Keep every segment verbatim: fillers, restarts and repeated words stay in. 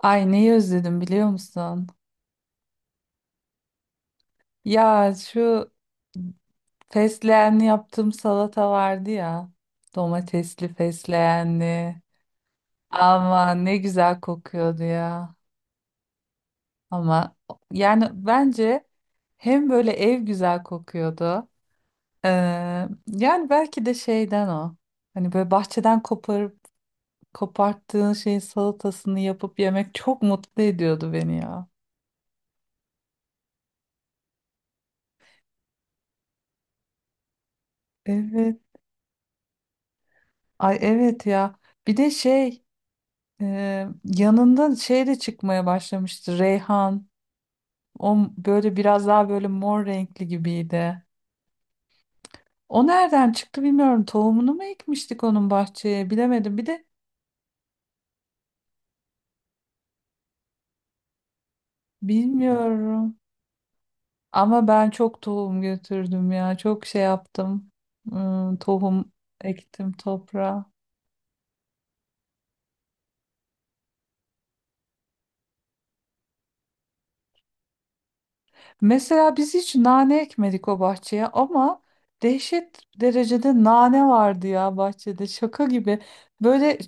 Ay neyi özledim biliyor musun? Ya şu fesleğenli yaptığım salata vardı ya. Domatesli fesleğenli. Ama ne güzel kokuyordu ya. Ama yani bence hem böyle ev güzel kokuyordu. Ee, Yani belki de şeyden o. Hani böyle bahçeden koparıp koparttığın şeyin salatasını yapıp yemek çok mutlu ediyordu beni ya. Evet. Ay evet ya. Bir de şey. Ee, yanında şey de çıkmaya başlamıştı. Reyhan. O m- böyle biraz daha böyle mor renkli gibiydi. O nereden çıktı bilmiyorum. Tohumunu mu ekmiştik onun bahçeye bilemedim. Bir de bilmiyorum. Ama ben çok tohum götürdüm ya. Çok şey yaptım. Hmm, tohum ektim toprağa. Mesela biz hiç nane ekmedik o bahçeye ama dehşet derecede nane vardı ya bahçede. Şaka gibi. Böyle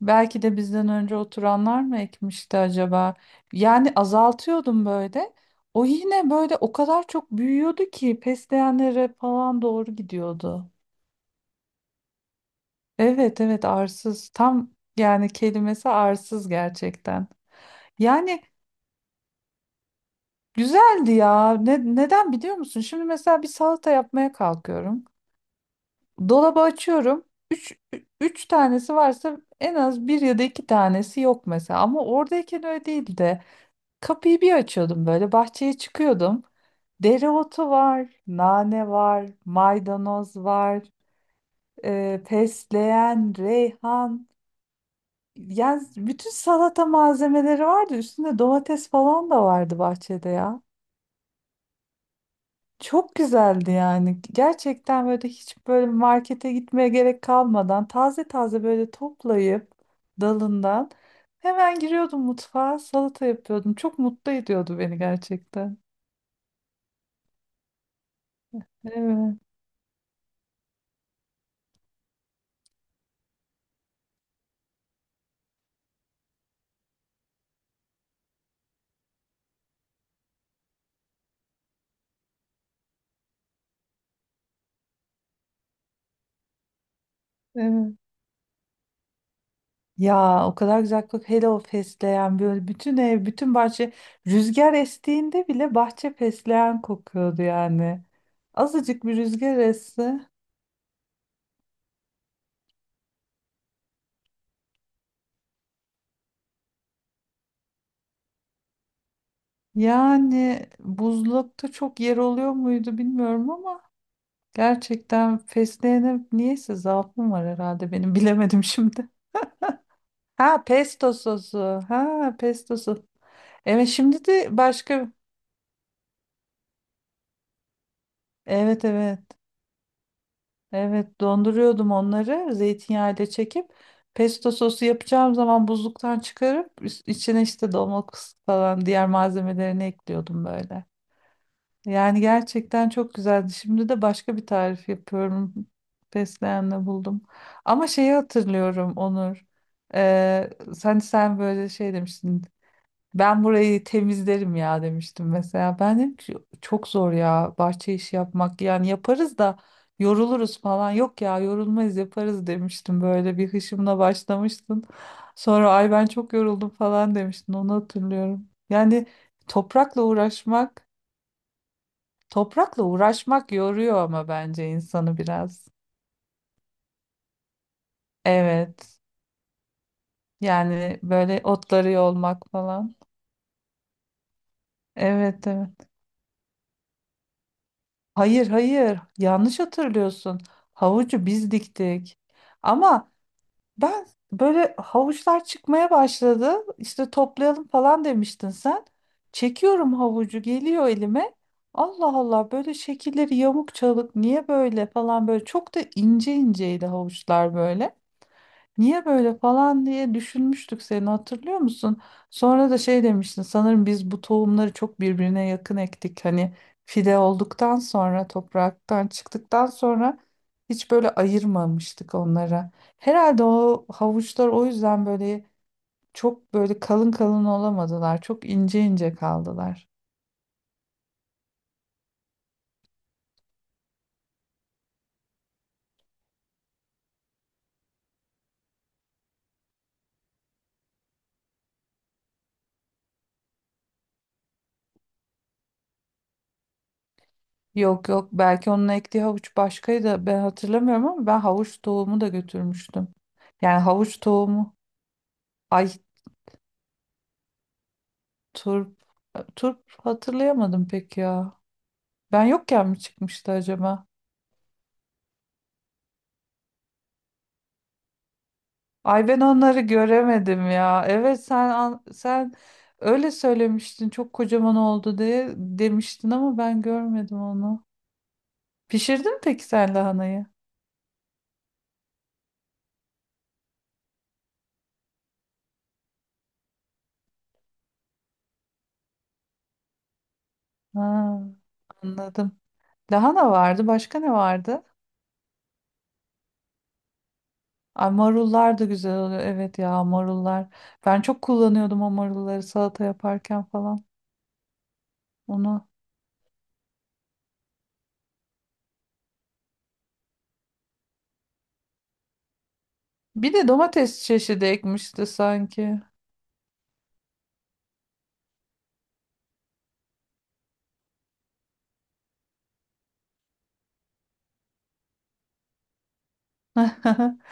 Belki de bizden önce oturanlar mı ekmişti acaba? Yani azaltıyordum böyle. O yine böyle o kadar çok büyüyordu ki fesleğenlere falan doğru gidiyordu. Evet, evet, arsız. Tam yani kelimesi arsız gerçekten. Yani güzeldi ya. Ne, neden biliyor musun? Şimdi mesela bir salata yapmaya kalkıyorum. Dolabı açıyorum. Üç, ü- üç tanesi varsa en az bir ya da iki tanesi yok mesela. Ama oradayken öyle değildi. Kapıyı bir açıyordum böyle bahçeye çıkıyordum. Dereotu var, nane var, maydanoz var, e, fesleğen, reyhan. Yani bütün salata malzemeleri vardı. Üstünde domates falan da vardı bahçede ya. Çok güzeldi yani. Gerçekten böyle hiç böyle markete gitmeye gerek kalmadan taze taze böyle toplayıp dalından hemen giriyordum mutfağa salata yapıyordum. Çok mutlu ediyordu beni gerçekten. Evet, evet. Ya o kadar güzel kokuyor. Hele o fesleğen böyle bütün ev, bütün bahçe rüzgar estiğinde bile bahçe fesleğen kokuyordu yani. Azıcık bir rüzgar esse. Yani buzlukta çok yer oluyor muydu bilmiyorum ama gerçekten fesleğene niyeyse zaafım var herhalde benim bilemedim şimdi. Ha, pesto sosu. Ha, pesto sosu. Evet şimdi de başka. Evet, evet. Evet, donduruyordum onları zeytinyağıyla çekip pesto sosu yapacağım zaman buzluktan çıkarıp üs- içine işte domates falan diğer malzemelerini ekliyordum böyle. Yani gerçekten çok güzeldi. Şimdi de başka bir tarif yapıyorum. Fesleğenle buldum. Ama şeyi hatırlıyorum, Onur. Ee, sen sen böyle şey demiştin. Ben burayı temizlerim ya demiştim mesela. Ben dedim ki çok zor ya bahçe işi yapmak. Yani yaparız da yoruluruz falan. Yok ya yorulmayız yaparız demiştim. Böyle bir hışımla başlamıştın. Sonra ay ben çok yoruldum falan demiştin. Onu hatırlıyorum. Yani toprakla uğraşmak, toprakla uğraşmak yoruyor ama bence insanı biraz. Evet. Yani böyle otları yolmak falan. Evet, evet. Hayır, hayır, yanlış hatırlıyorsun. Havucu biz diktik. Ama ben böyle havuçlar çıkmaya başladı. İşte toplayalım falan demiştin sen. Çekiyorum havucu geliyor elime. Allah Allah böyle şekilleri yamuk çalık niye böyle falan böyle çok da ince inceydi havuçlar böyle. Niye böyle falan diye düşünmüştük seni hatırlıyor musun? Sonra da şey demiştin sanırım biz bu tohumları çok birbirine yakın ektik. Hani fide olduktan sonra topraktan çıktıktan sonra hiç böyle ayırmamıştık onlara. Herhalde o havuçlar o yüzden böyle çok böyle kalın kalın olamadılar. Çok ince ince kaldılar. Yok, yok, belki onun ektiği havuç başkaydı ben hatırlamıyorum ama ben havuç tohumu da götürmüştüm. Yani havuç tohumu ay turp turp hatırlayamadım pek ya. Ben yokken mi çıkmıştı acaba? Ay ben onları göremedim ya. Evet sen an- sen öyle söylemiştin çok kocaman oldu diye demiştin ama ben görmedim onu. Pişirdin mi peki sen lahanayı? Ha, anladım. Lahana vardı. Başka ne vardı? Ay marullar da güzel oluyor. Evet ya marullar. Ben çok kullanıyordum o marulları salata yaparken falan. Onu. Bir de domates çeşidi ekmişti sanki.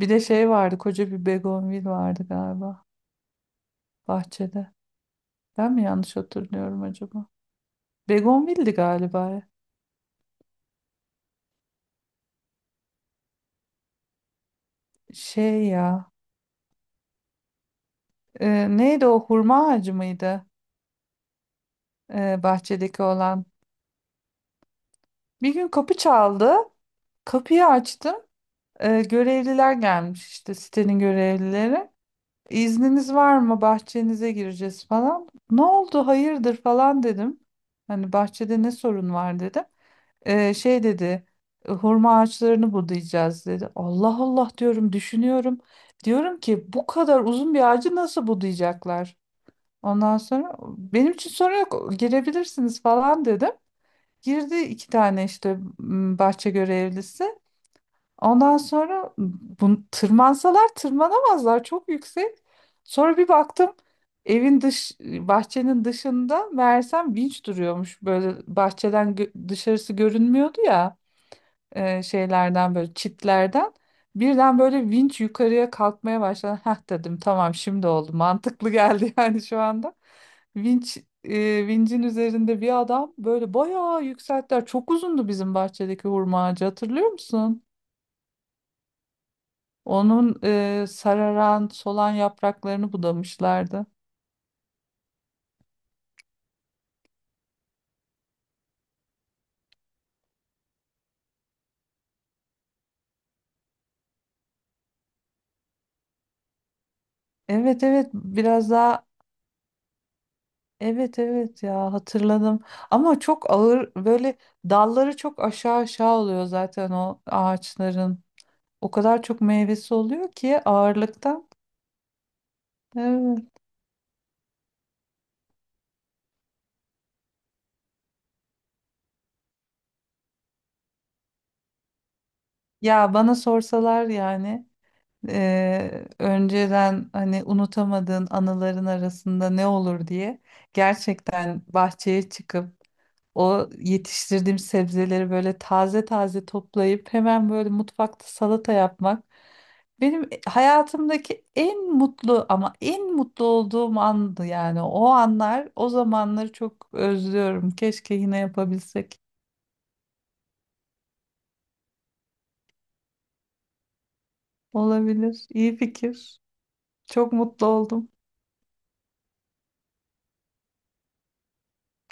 Bir de şey vardı. Koca bir begonvil vardı galiba bahçede. Ben mi yanlış hatırlıyorum acaba? Begonvil'di galiba. Şey ya. E, neydi o hurma ağacı mıydı? E, bahçedeki olan. Bir gün kapı çaldı. Kapıyı açtım. E, görevliler gelmiş işte sitenin görevlileri. İzniniz var mı? Bahçenize gireceğiz falan. Ne oldu? Hayırdır falan dedim. Hani bahçede ne sorun var dedim. Ee, şey dedi, "E, Hurma ağaçlarını budayacağız," dedi. Allah Allah diyorum düşünüyorum. Diyorum ki bu kadar uzun bir ağacı nasıl budayacaklar? Ondan sonra benim için sorun yok girebilirsiniz falan dedim. Girdi iki tane işte m, bahçe görevlisi. Ondan sonra bu, tırmansalar tırmanamazlar çok yüksek. Sonra bir baktım evin dış bahçenin dışında meğersem vinç duruyormuş. Böyle bahçeden gö- dışarısı görünmüyordu ya, e, şeylerden böyle çitlerden birden böyle vinç yukarıya kalkmaya başladı. Heh dedim tamam şimdi oldu mantıklı geldi yani şu anda. Vinç e, vincin üzerinde bir adam böyle bayağı yükselttiler. Çok uzundu bizim bahçedeki hurma ağacı hatırlıyor musun? Onun e, sararan solan yapraklarını budamışlardı. Evet, evet, biraz daha. Evet, evet ya, hatırladım. Ama çok ağır böyle dalları çok aşağı aşağı oluyor zaten o ağaçların. O kadar çok meyvesi oluyor ki ağırlıktan. Evet. Ya bana sorsalar yani, eee, önceden hani unutamadığın anıların arasında ne olur diye gerçekten bahçeye çıkıp o yetiştirdiğim sebzeleri böyle taze taze toplayıp hemen böyle mutfakta salata yapmak benim hayatımdaki en mutlu ama en mutlu olduğum andı yani o anlar o zamanları çok özlüyorum. Keşke yine yapabilsek. Olabilir. İyi fikir. Çok mutlu oldum.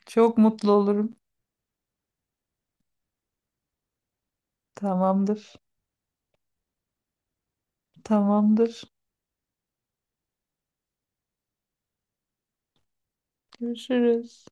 Çok mutlu olurum. Tamamdır. Tamamdır. Görüşürüz.